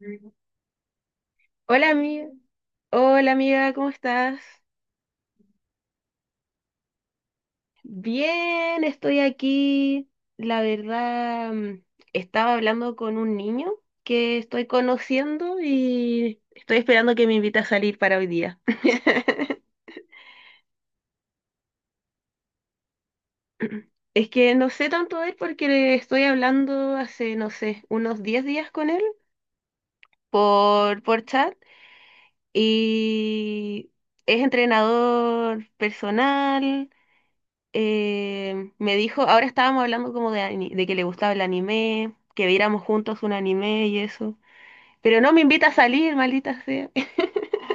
Mm. Hola amiga, hola amiga, ¿cómo estás? Bien, estoy aquí. La verdad, estaba hablando con un niño que estoy conociendo y estoy esperando que me invite a salir para hoy día. Es que no sé tanto de él porque le estoy hablando hace, no sé, unos 10 días con él por chat y es entrenador personal, me dijo, ahora estábamos hablando como de que le gustaba el anime, que viéramos juntos un anime y eso. Pero no me invita a salir, maldita sea.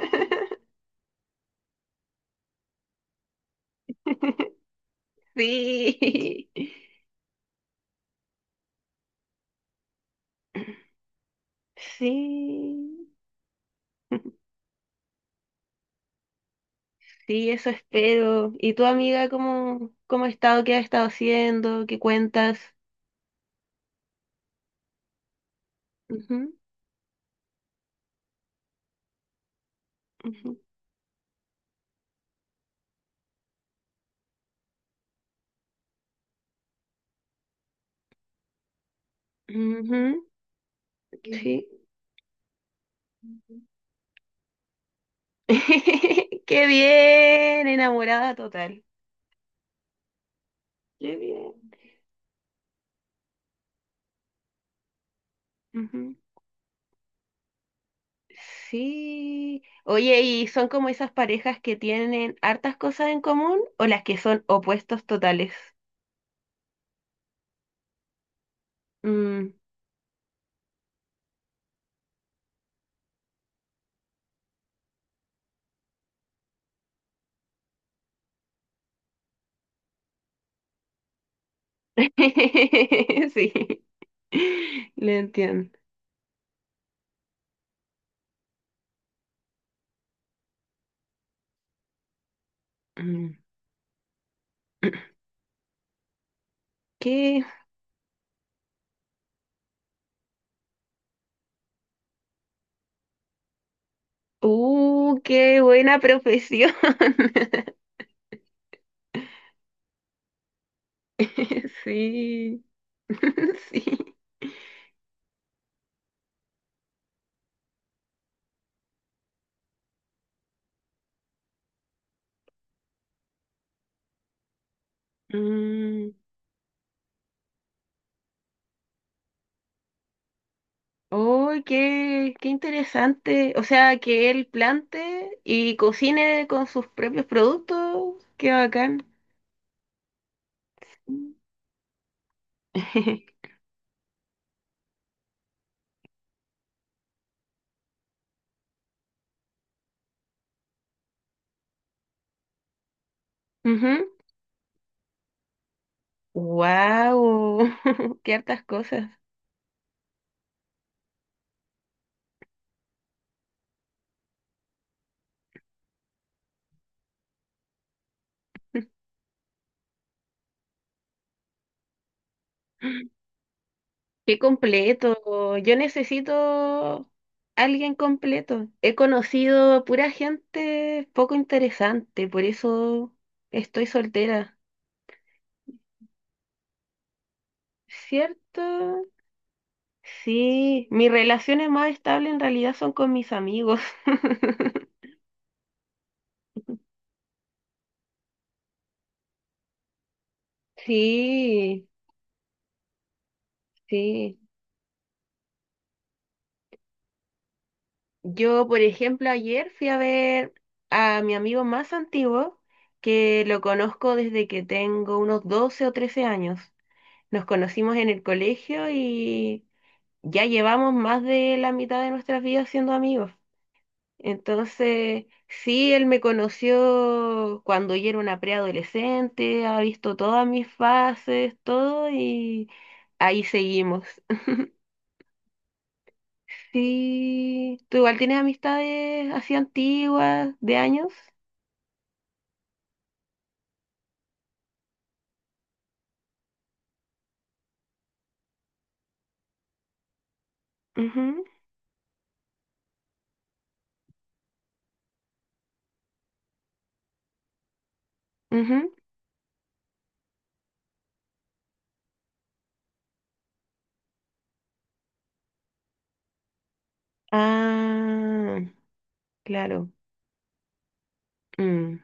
Sí, sí, sí, eso espero. ¿Y tu amiga cómo ha estado? ¿Qué ha estado haciendo? ¿Qué cuentas? Ujú, ujú, ujú, sí. Qué bien, enamorada total. Qué bien. Sí. Oye, ¿y son como esas parejas que tienen hartas cosas en común o las que son opuestos totales? Mm. Sí, lo entiendo. Mm. ¿Qué? ¡Uh, qué buena profesión! Sí, sí. Mm. ¡Oh, qué interesante! O sea, que él plante y cocine con sus propios productos. ¡Qué bacán! Mm. Wow, qué hartas cosas. Qué completo. Yo necesito alguien completo. He conocido pura gente poco interesante, por eso estoy soltera. ¿Cierto? Sí, mis relaciones más estables en realidad son con mis amigos. Sí, sí. Yo, por ejemplo, ayer fui a ver a mi amigo más antiguo, que lo conozco desde que tengo unos 12 o 13 años. Nos conocimos en el colegio y ya llevamos más de la mitad de nuestras vidas siendo amigos. Entonces, sí, él me conoció cuando yo era una preadolescente, ha visto todas mis fases, todo, y ahí seguimos. Sí, ¿tú igual tienes amistades así antiguas, de años? Ujú, ujú. Ah, claro. Mm.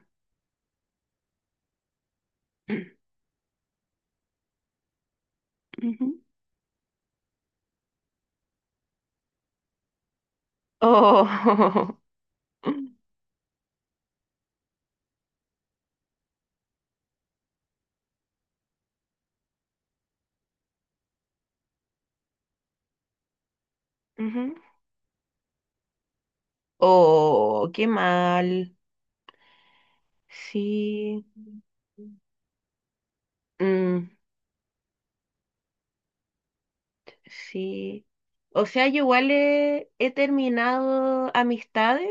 Ujú. Oh, ujú. Oh, qué mal. Sí. Mm, sí. O sea, yo igual he terminado amistades.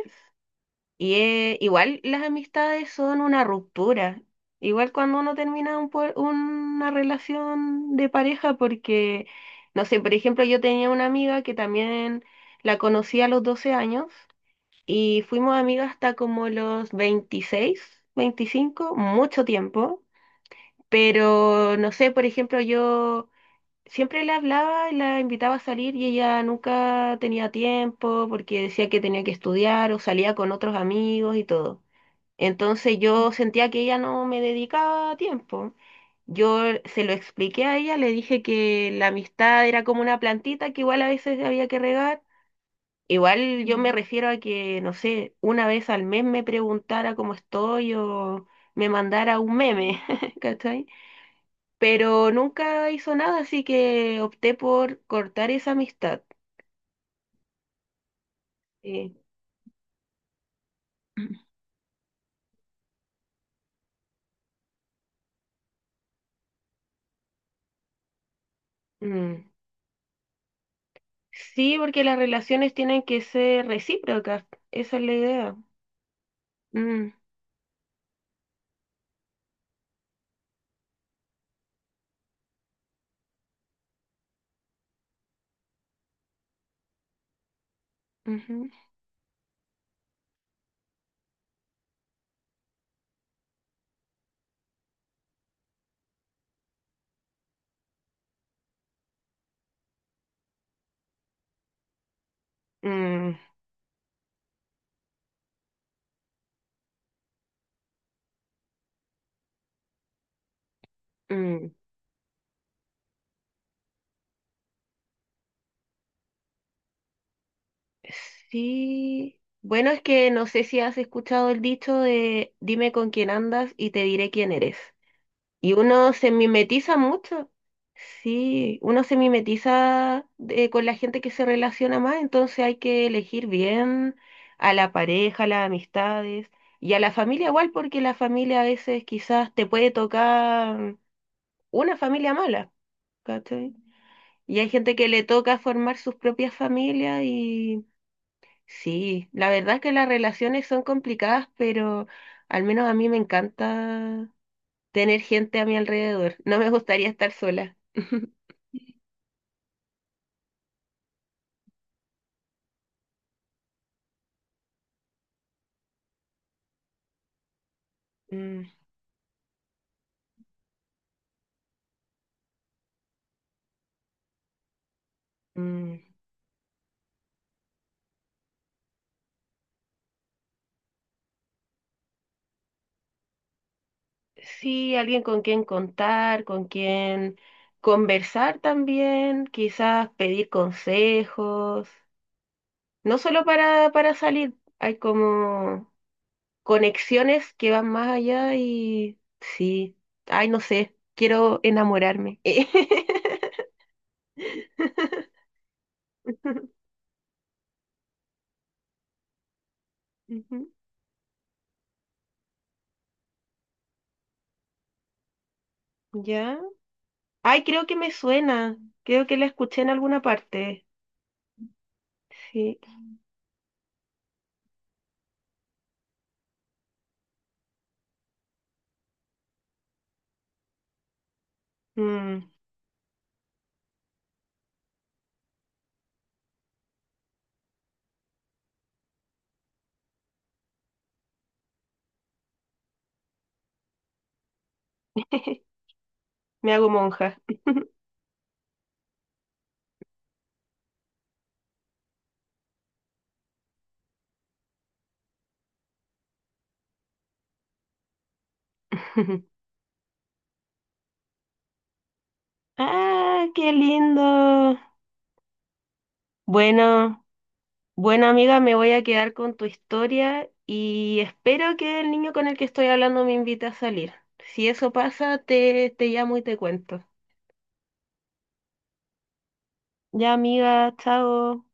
Y igual las amistades son una ruptura. Igual cuando uno termina un una relación de pareja, porque, no sé, por ejemplo, yo tenía una amiga que también la conocí a los 12 años y fuimos amigas hasta como los 26 25 mucho tiempo. Pero, no sé, por ejemplo, yo siempre le hablaba y la invitaba a salir y ella nunca tenía tiempo porque decía que tenía que estudiar o salía con otros amigos y todo. Entonces yo sentía que ella no me dedicaba tiempo. Yo se lo expliqué a ella, le dije que la amistad era como una plantita que igual a veces había que regar. Igual yo me refiero a que, no sé, una vez al mes me preguntara cómo estoy o me mandara un meme, ¿cachai? Pero nunca hizo nada, así que opté por cortar esa amistad. Sí. Mm. Sí, porque las relaciones tienen que ser recíprocas, esa es la idea. Mm. Ujú. Mm, mm, sí. Bueno, es que no sé si has escuchado el dicho de dime con quién andas y te diré quién eres. Y uno se mimetiza mucho. Sí, uno se mimetiza con la gente que se relaciona más, entonces hay que elegir bien a la pareja, a las amistades y a la familia igual, porque la familia a veces quizás te puede tocar una familia mala, ¿cachai? Y hay gente que le toca formar sus propias familias y sí, la verdad es que las relaciones son complicadas, pero al menos a mí me encanta tener gente a mi alrededor. No me gustaría estar sola. Mm, mm. Sí, alguien con quien contar, con quien conversar también, quizás pedir consejos, no solo para salir, hay como conexiones que van más allá y sí, ay, no sé, quiero enamorarme. Ujú, ¿ya? Ay, creo que me suena, creo que la escuché en alguna parte. Sí, mm, me hago monja. Ah, qué lindo. Bueno, bueno amiga, me voy a quedar con tu historia y espero que el niño con el que estoy hablando me invite a salir. Si eso pasa, te llamo y te cuento. Ya, amiga, chao.